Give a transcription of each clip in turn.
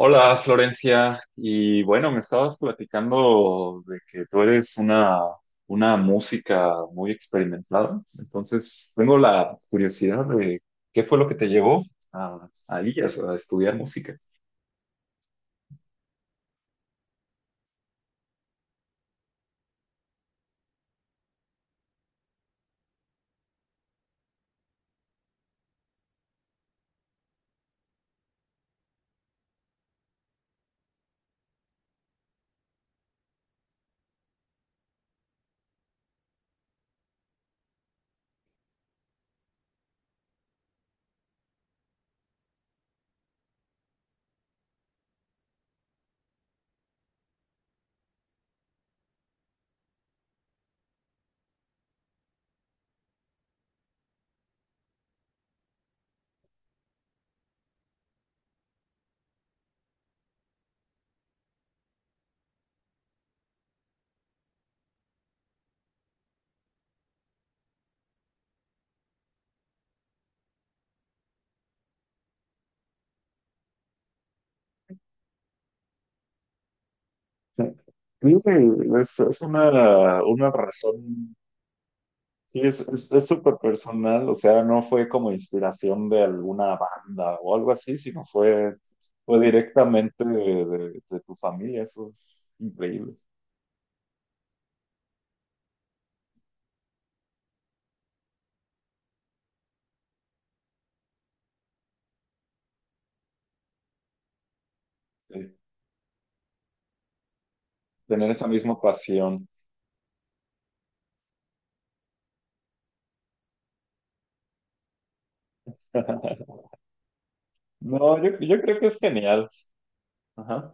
Hola Florencia, y bueno, me estabas platicando de que tú eres una música muy experimentada, entonces tengo la curiosidad de qué fue lo que te llevó a ellas, a estudiar música. Creo que es una razón, sí, es súper personal, o sea, no fue como inspiración de alguna banda o algo así, fue directamente de tu familia, eso es increíble. Tener esa misma pasión. No, yo creo que es genial. Ajá.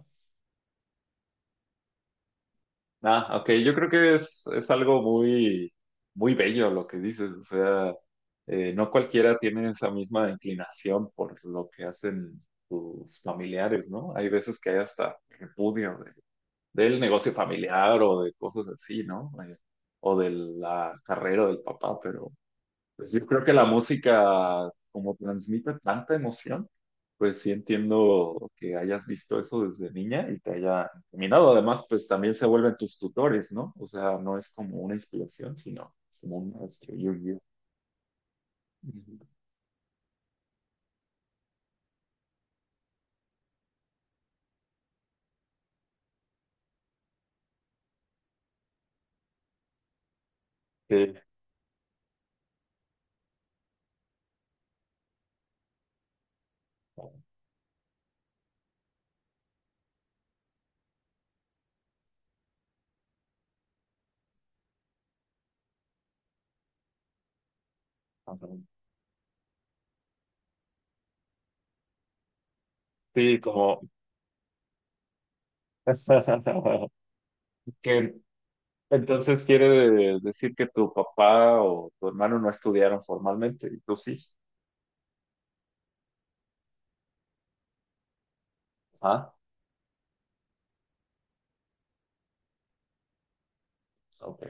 Ah, ok, yo creo que es algo muy bello lo que dices. O sea, no cualquiera tiene esa misma inclinación por lo que hacen tus familiares, ¿no? Hay veces que hay hasta repudio del negocio familiar o de cosas así, ¿no? O de la carrera del papá, pero pues yo creo que la música, como transmite tanta emoción, pues sí entiendo que hayas visto eso desde niña y te haya encaminado. Además, pues también se vuelven tus tutores, ¿no? O sea, no es como una inspiración, sino como un maestro y un guía. Ujú. Sí. Ajá. Sí, como... que, entonces quiere decir que tu papá o tu hermano no estudiaron formalmente y tú sí. Ah, ok.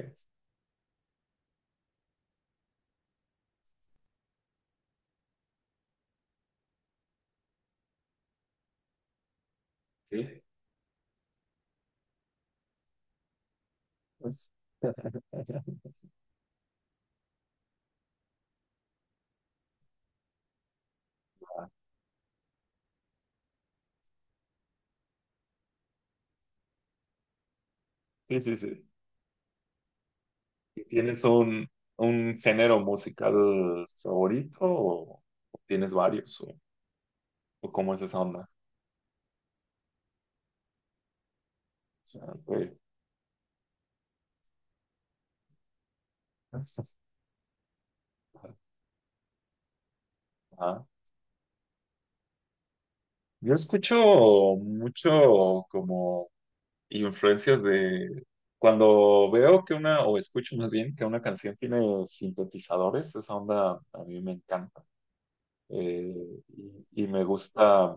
Sí. Pues... Sí, sí, sí. ¿Tienes un género musical favorito o tienes varios? O cómo es esa onda? Ah, ok. Ah. Yo escucho mucho como influencias de cuando veo que una, o escucho más bien que una canción tiene sintetizadores, esa onda a mí me encanta. Eh, y me gusta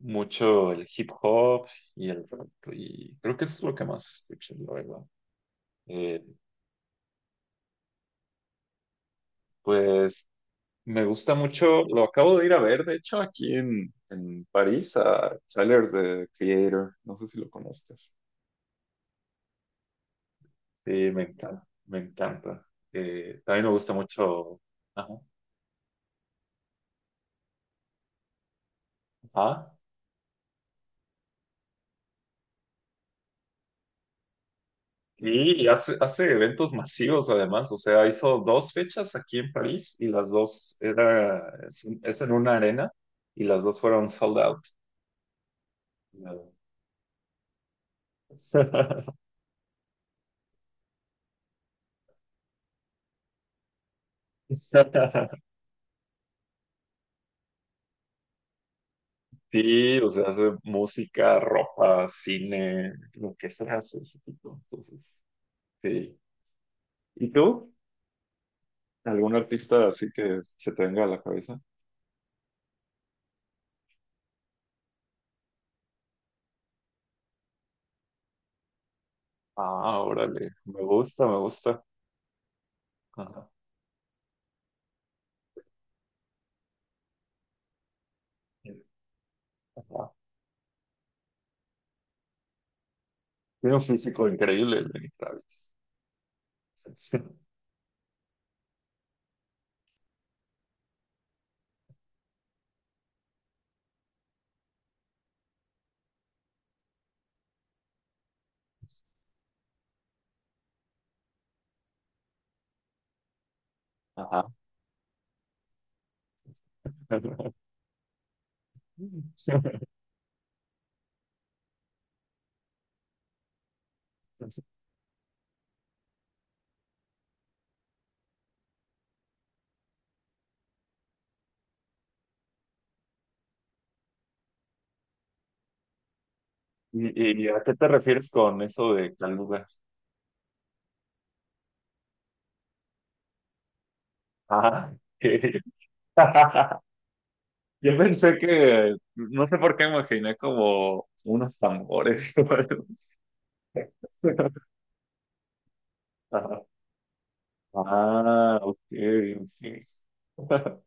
mucho el hip hop y el rap, y creo que eso es lo que más escucho, la verdad. Eh, Pues me gusta mucho, lo acabo de ir a ver, de hecho, aquí en París, a Tyler, the Creator, no sé si lo conozcas. Sí, me encanta, me encanta. También me gusta mucho. Ajá. Ajá. Sí, y hace eventos masivos además, o sea, hizo dos fechas aquí en París y las dos es en una arena y las dos fueron sold out. Sí, o sea, hace música, ropa, cine, lo que se hace ese tipo. Entonces, sí. ¿Y tú? ¿Algún artista así que se te venga a la cabeza? Ah, órale, me gusta, me gusta. Ajá. Ajá. Tiene un físico increíble el Lenny Kravitz. Sí. Ajá. ¿Y, y a qué te refieres con eso de caluga? Ah, ok. Yo pensé que, no sé por qué me imaginé como unos tambores o algo así. Ajá. Ah, ok, ok.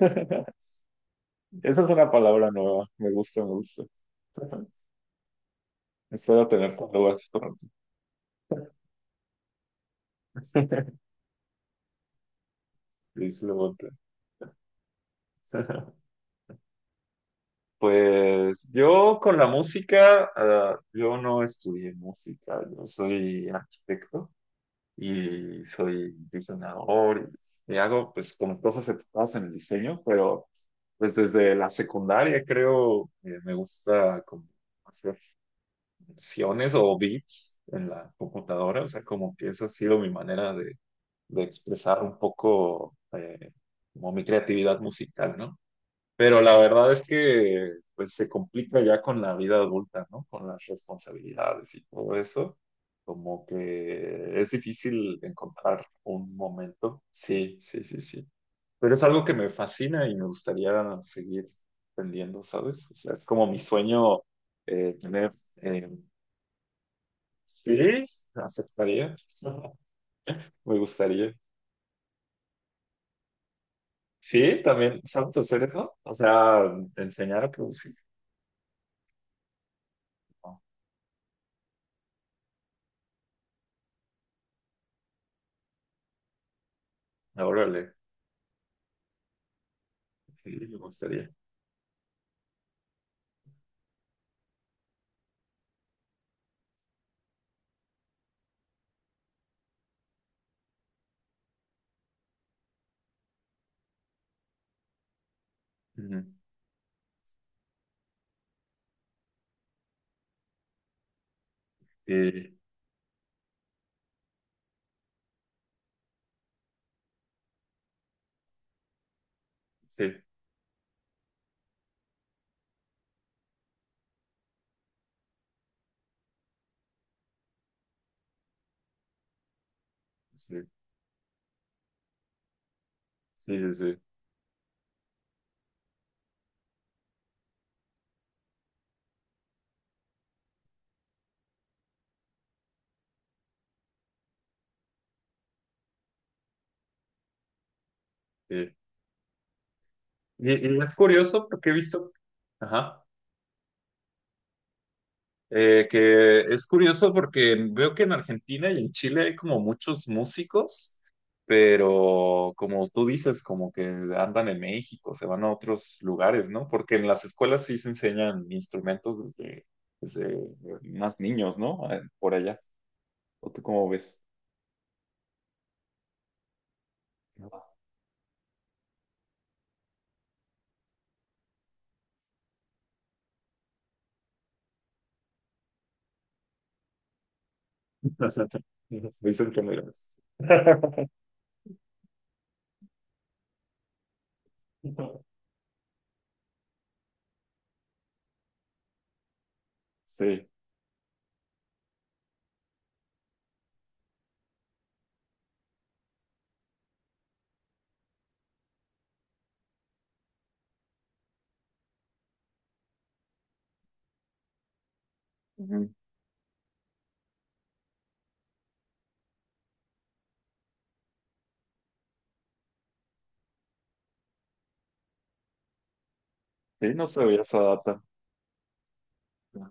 Esa es una palabra nueva, me gusta, me gusta. Espero tener palabras pronto. Luis Lemonte. Pues yo con la música, ah, yo no estudié música, yo soy arquitecto y soy diseñador y hago pues como cosas enfocadas en el diseño, pero pues desde la secundaria creo me gusta como hacer funciones o beats en la computadora, o sea, como que esa ha sido mi manera de expresar un poco como mi creatividad musical, ¿no? Pero la verdad es que pues se complica ya con la vida adulta, ¿no? Con las responsabilidades y todo eso. Como que es difícil encontrar un momento. Sí, sí, sí, sí. Pero es algo que me fascina y me gustaría seguir aprendiendo, ¿sabes? O sea, es como mi sueño tener... sí, aceptaría. Me gustaría. Sí, también, ¿sabes hacer eso? O sea, enseñar a producir. No, órale, sí, me gustaría. Ujú. Sí, sí, sí, sí, sí, sí, sí. Y es curioso porque he visto, ajá, que es curioso porque veo que en Argentina y en Chile hay como muchos músicos, pero como tú dices, como que andan en México, se van a otros lugares, ¿no? Porque en las escuelas sí se enseñan instrumentos desde más niños, ¿no? Por allá. ¿O tú cómo ves? Dicen que no. Sí. Ujú. Sí, no sabía esa data. Ah,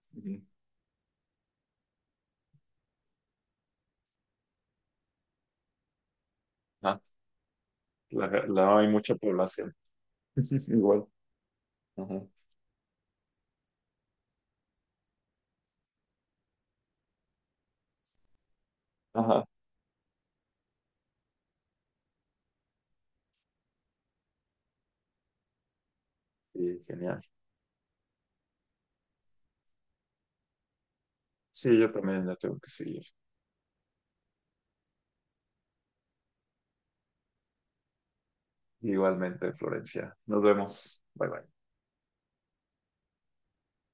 sí. Ah, hay mucha población. Igual. Ajá. Ajá. Sí, genial. Sí, yo también la tengo que seguir. Igualmente, Florencia. Nos vemos. Bye bye.